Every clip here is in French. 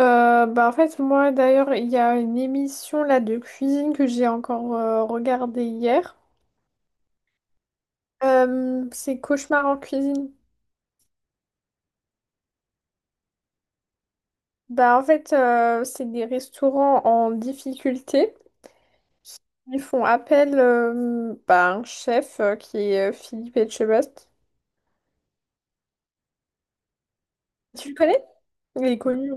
En fait moi d'ailleurs il y a une émission là de cuisine que j'ai encore regardée hier. C'est Cauchemar en cuisine. Bah en fait c'est des restaurants en difficulté. Ils font appel à un chef qui est Philippe Etchebest. Tu le connais? Il est connu.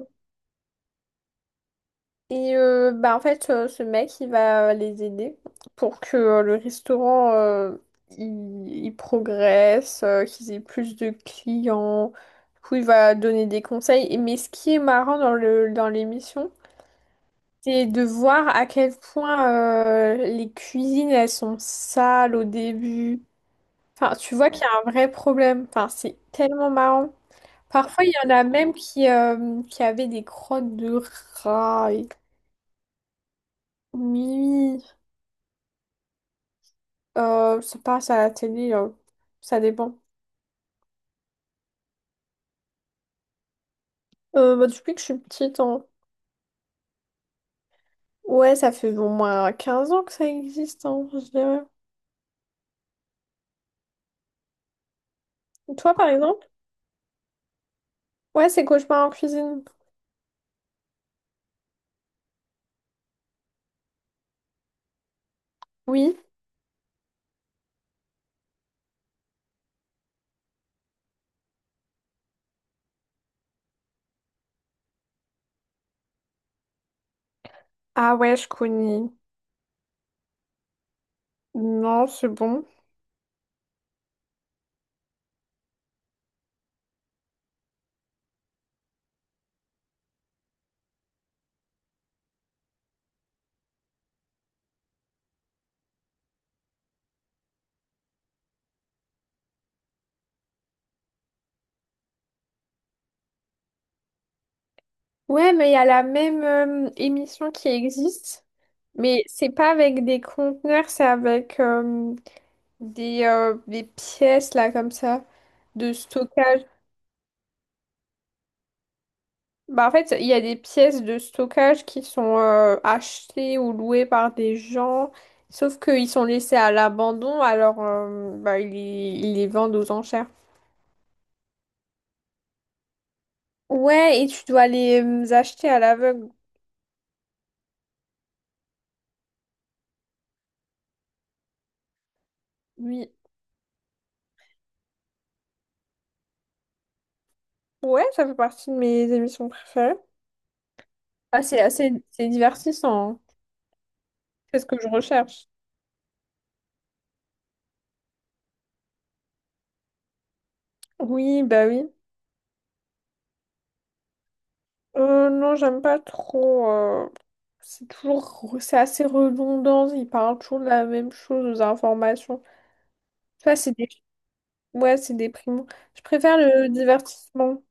Ce mec, il va les aider pour que le restaurant, il progresse, qu'ils aient plus de clients. Du coup, il va donner des conseils. Mais ce qui est marrant dans l'émission, c'est de voir à quel point les cuisines, elles sont sales au début. Enfin, tu vois qu'il y a un vrai problème. Enfin, c'est tellement marrant. Parfois, il y en a même qui avaient des crottes de rats. Oui. Ça passe à la télé, ça dépend. Depuis que je suis petite, hein. Ouais, ça fait au moins 15 ans que ça existe, hein, je dirais. Toi, par exemple? Ouais, c'est Cauchemar en cuisine. Oui. Ah ouais, je connais. Non, c'est bon. Ouais, mais il y a la même émission qui existe, mais c'est pas avec des conteneurs, c'est avec des pièces, là, comme ça, de stockage. Bah en fait, il y a des pièces de stockage qui sont achetées ou louées par des gens, sauf qu'ils sont laissés à l'abandon, alors ils les vendent aux enchères. Ouais, et tu dois les acheter à l'aveugle. Oui. Ouais, ça fait partie de mes émissions préférées. Ah, c'est divertissant. Hein. C'est ce que je recherche. Oui, bah oui. Non, j'aime pas trop. C'est toujours, c'est assez redondant. Ils parlent toujours de la même chose aux informations. Ça, c'est des Ouais, c'est déprimant. Je préfère le divertissement.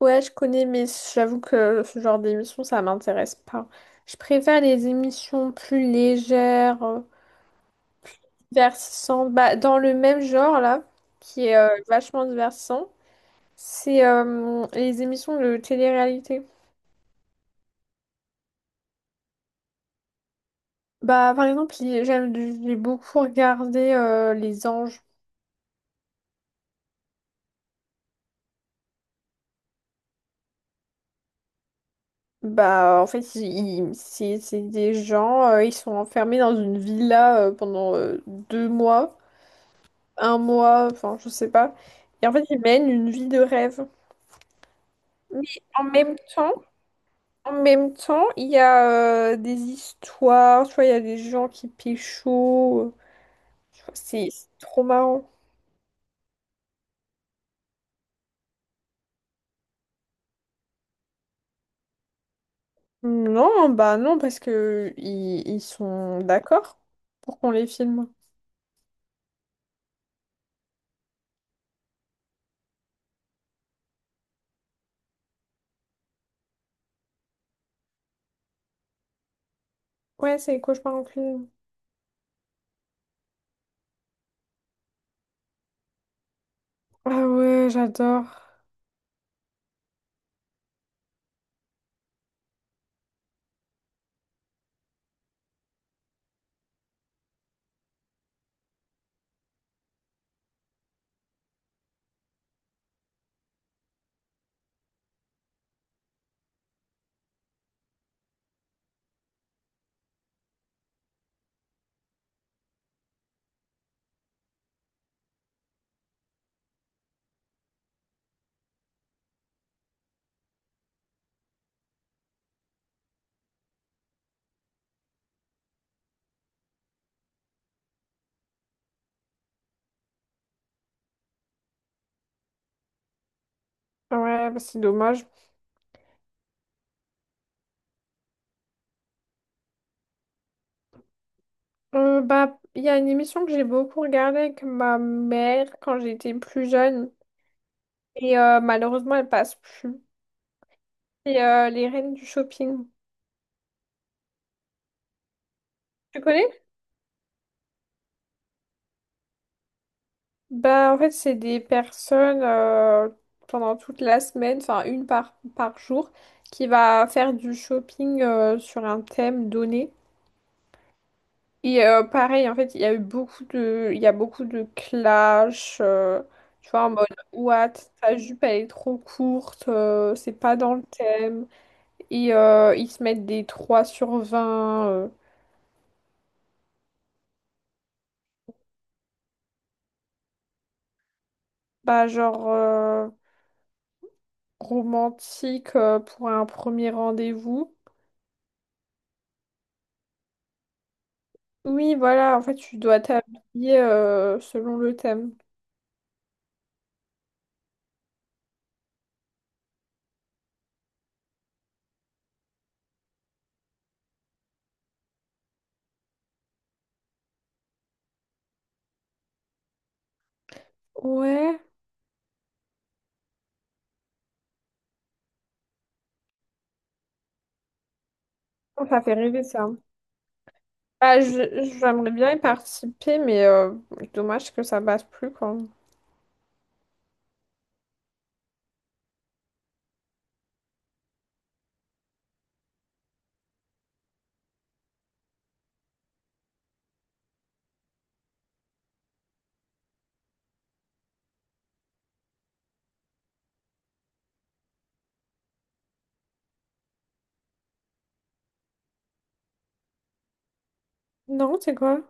Ouais, je connais, mais j'avoue que ce genre d'émission, ça m'intéresse pas. Je préfère les émissions plus légères, divertissantes. Bah, dans le même genre, là, qui est vachement divertissant, c'est les émissions de télé-réalité. Bah, par exemple, j'ai beaucoup regardé Les Anges. En fait, c'est des gens, ils sont enfermés dans une villa pendant 2 mois. 1 mois, enfin, je sais pas. Et en fait, ils mènent une vie de rêve. Mais en même temps, il y a des histoires, tu vois, il y a des gens qui pécho. Tu vois, c'est trop marrant. Non, parce que ils sont d'accord pour qu'on les filme. Ouais, c'est les cauchemars en film. Ah ouais, j'adore. Ah ouais, bah c'est dommage. Il y a une émission que j'ai beaucoup regardée avec ma mère quand j'étais plus jeune. Et malheureusement, elles passent plus. Les reines du shopping. Tu connais? Bah, en fait, c'est des personnes pendant toute la semaine, enfin une par jour, qui va faire du shopping sur un thème donné. Et pareil, en fait, il y a beaucoup de clash, tu vois, en mode, what, ta jupe, elle est trop courte, c'est pas dans le thème. Et ils se mettent des 3 sur 20 bah, genre romantique pour un premier rendez-vous. Oui, voilà, en fait, tu dois t'habiller selon le thème. Ouais. Oh, ça fait rêver ça. J'aimerais bien y participer, mais dommage que ça passe plus, quoi. Non, c'est quoi?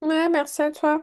Ouais, merci à toi.